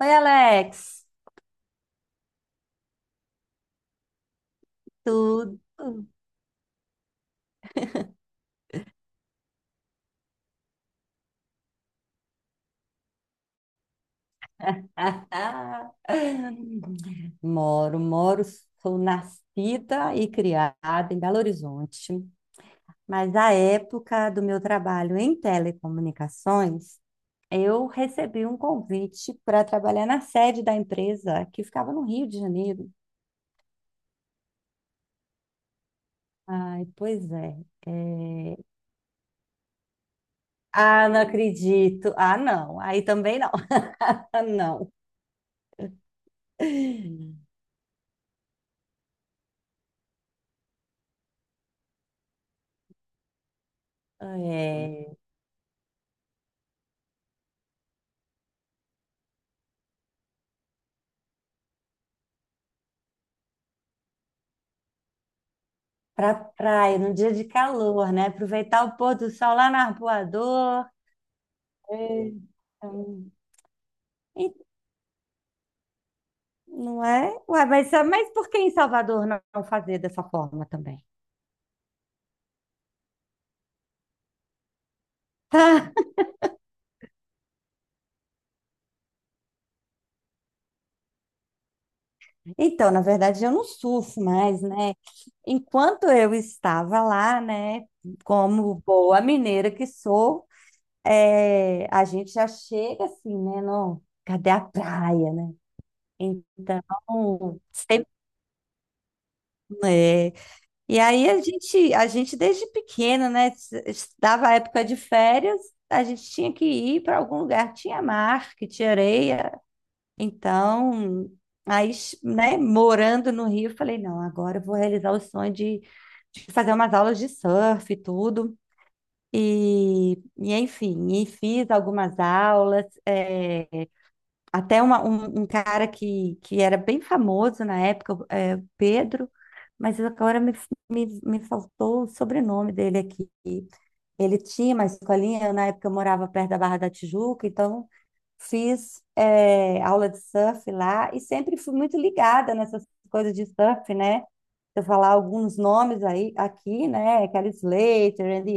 Oi, Alex. Tudo? Moro, sou nascida e criada em Belo Horizonte, mas à época do meu trabalho em telecomunicações, eu recebi um convite para trabalhar na sede da empresa que ficava no Rio de Janeiro. Ai, pois é. É. Ah, não acredito. Ah, não. Aí também não. Não. É. Pra praia, num dia de calor, né? Aproveitar o pôr do sol lá na Arpoador. Eita. E- Não é? Ué, mas, é, mas por que em Salvador não fazer dessa forma também? Tá. Então, na verdade, eu não surfo mais, né? Enquanto eu estava lá, né, como boa mineira que sou, é, a gente já chega assim, né? Não, cadê a praia, né? Então, sempre, né, e aí a gente desde pequeno, né? Dava época de férias, a gente tinha que ir para algum lugar que tinha mar, que tinha areia. Então, aí, né, morando no Rio, eu falei, não, agora eu vou realizar o sonho de fazer umas aulas de surf e tudo. E enfim, e fiz algumas aulas. Até um cara que era bem famoso na época, é, Pedro, mas agora me faltou o sobrenome dele aqui. Ele tinha uma escolinha, eu, na época eu morava perto da Barra da Tijuca, então fiz é, aula de surf lá e sempre fui muito ligada nessas coisas de surf, né? Se eu falar alguns nomes aí aqui, né? Kelly Slater, Andy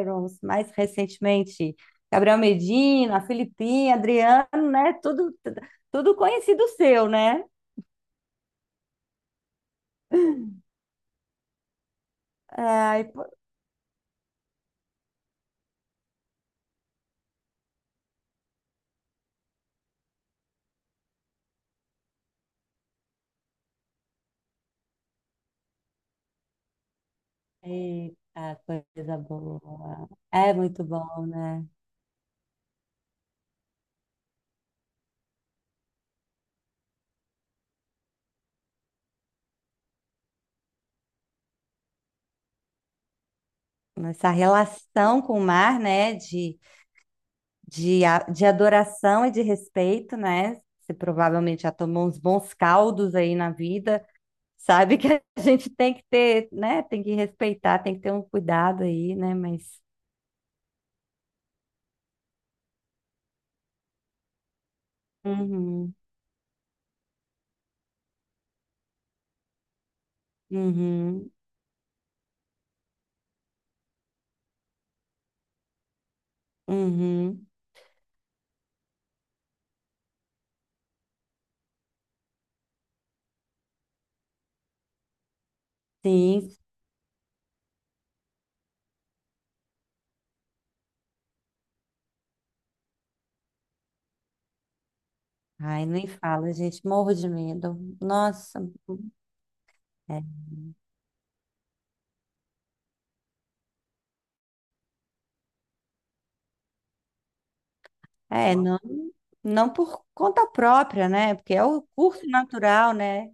Irons, mais recentemente Gabriel Medina, Filipinha, Adriano, né? Tudo, tudo conhecido seu, né? Ai, pô- Eita, coisa boa. É muito bom, né? Essa relação com o mar, né? De adoração e de respeito, né? Você provavelmente já tomou uns bons caldos aí na vida, sabe que a gente tem que ter, né? Tem que respeitar, tem que ter um cuidado aí, né? Mas. Uhum, uhum, uhum, sim. Ai, nem fala, gente, morro de medo. Nossa, é, é, não, não por conta própria, né? Porque é o curso natural, né?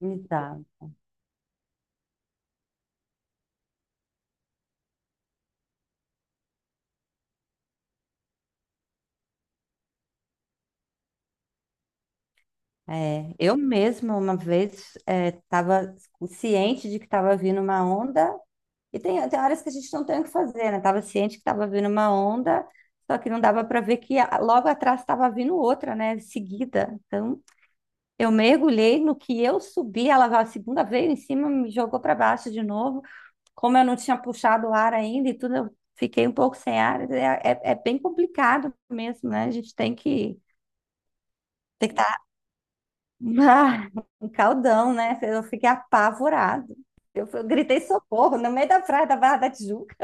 Exato. É, eu mesma uma vez estava ciente de que estava vindo uma onda, e tem, tem horas que a gente não tem o que fazer, né? Estava ciente que estava vindo uma onda, só que não dava para ver logo atrás estava vindo outra, né? Seguida. Então, eu mergulhei no que eu subi, ela veio a segunda vez em cima, me jogou para baixo de novo. Como eu não tinha puxado o ar ainda e tudo, eu fiquei um pouco sem ar. É, é, é bem complicado mesmo, né? A gente tem que. Tem que ah, um caldão, né? Eu fiquei apavorado. Eu gritei socorro no meio da praia da Barra da Tijuca.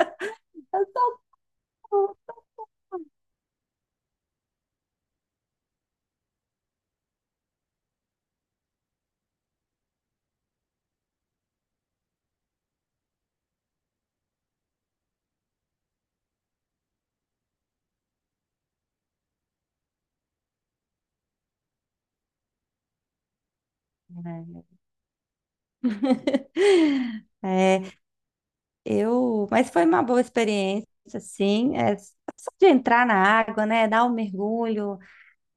É. É, eu, mas foi uma boa experiência, assim, é, só de entrar na água, né, dar um mergulho,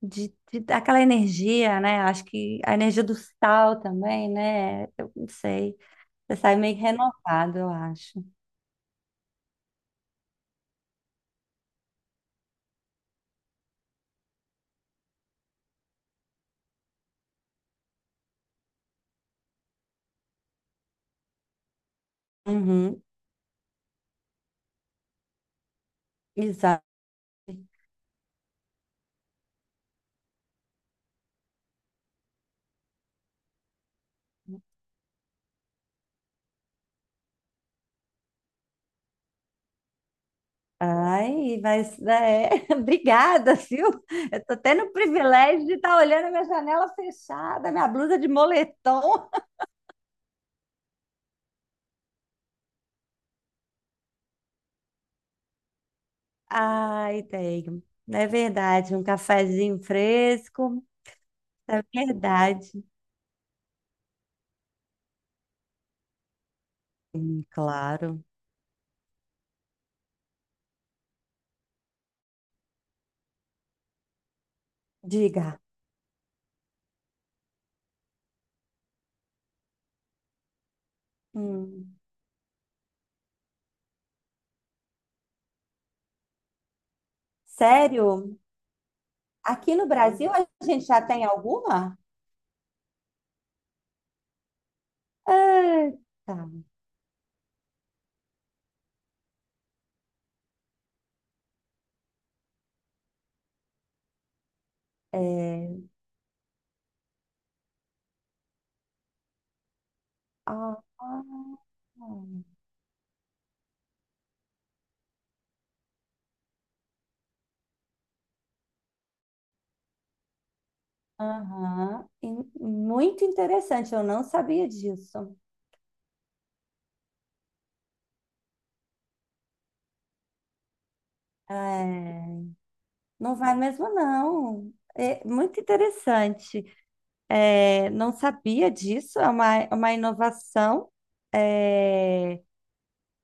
de dar aquela energia, né, acho que a energia do sal também, né, eu não sei, você sai meio renovado, eu acho. Uhum, exato. Ai, mas é, obrigada, viu? Eu tô tendo o privilégio de estar olhando a minha janela fechada, minha blusa de moletom. Ai, tenho. É verdade, um cafezinho fresco. É verdade. Claro. Diga. Hum, sério? Aqui no Brasil a gente já tem alguma? Ah, tá. É, ah, ah. Ah. Aham, e muito interessante, eu não sabia disso. É, não vai mesmo, não. É muito interessante. É, não sabia disso, é uma inovação. É,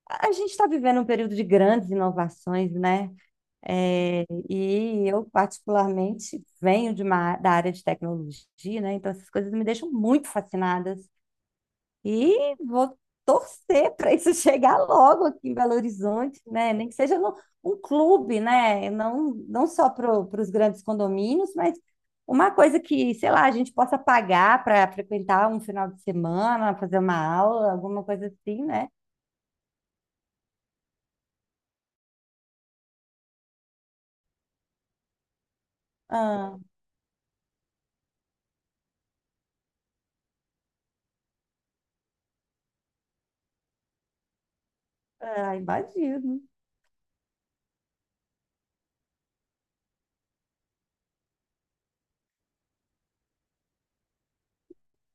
a gente está vivendo um período de grandes inovações, né? É, e eu, particularmente, venho de uma, da área de tecnologia, né? Então, essas coisas me deixam muito fascinada. E vou torcer para isso chegar logo aqui em Belo Horizonte, né? Nem que seja no, um clube, né? Não, não só para os grandes condomínios, mas uma coisa que, sei lá, a gente possa pagar para frequentar um final de semana, fazer uma aula, alguma coisa assim, né? Ah, ah, imagino.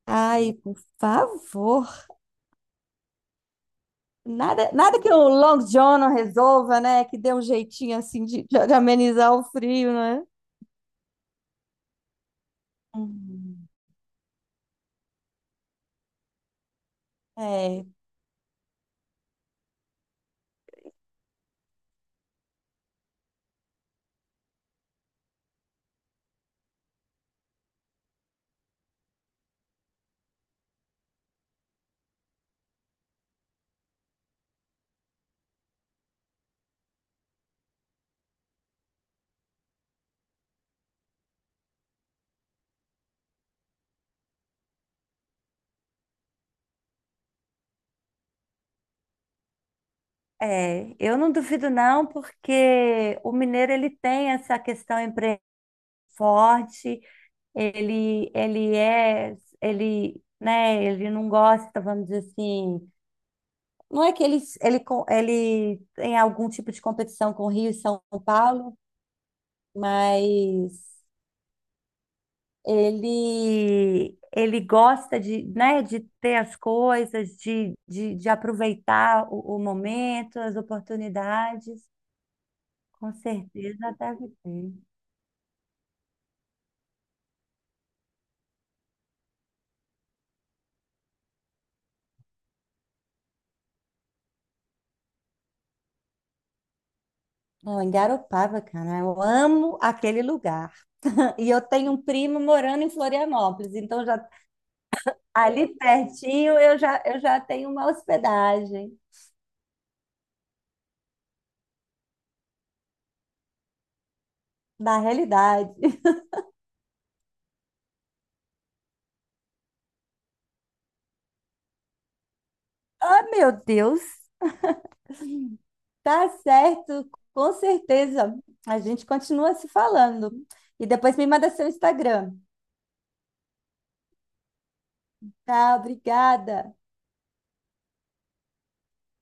Ai, por favor. Nada, nada que o Long John não resolva, né? Que dê um jeitinho assim de amenizar o frio, né? Uhum. É. É, eu não duvido não, porque o mineiro ele tem essa questão empre forte, ele é ele, né, ele não gosta, vamos dizer assim, não é que ele tem algum tipo de competição com Rio e São Paulo, mas ele gosta de, né, de ter as coisas, de aproveitar o momento, as oportunidades. Com certeza deve ter. Não, em Garopaba, cara, eu amo aquele lugar. E eu tenho um primo morando em Florianópolis, então já ali pertinho eu já tenho uma hospedagem na realidade. Ah, meu Deus, tá certo, com certeza. A gente continua se falando. E depois me manda seu Instagram. Tá, obrigada.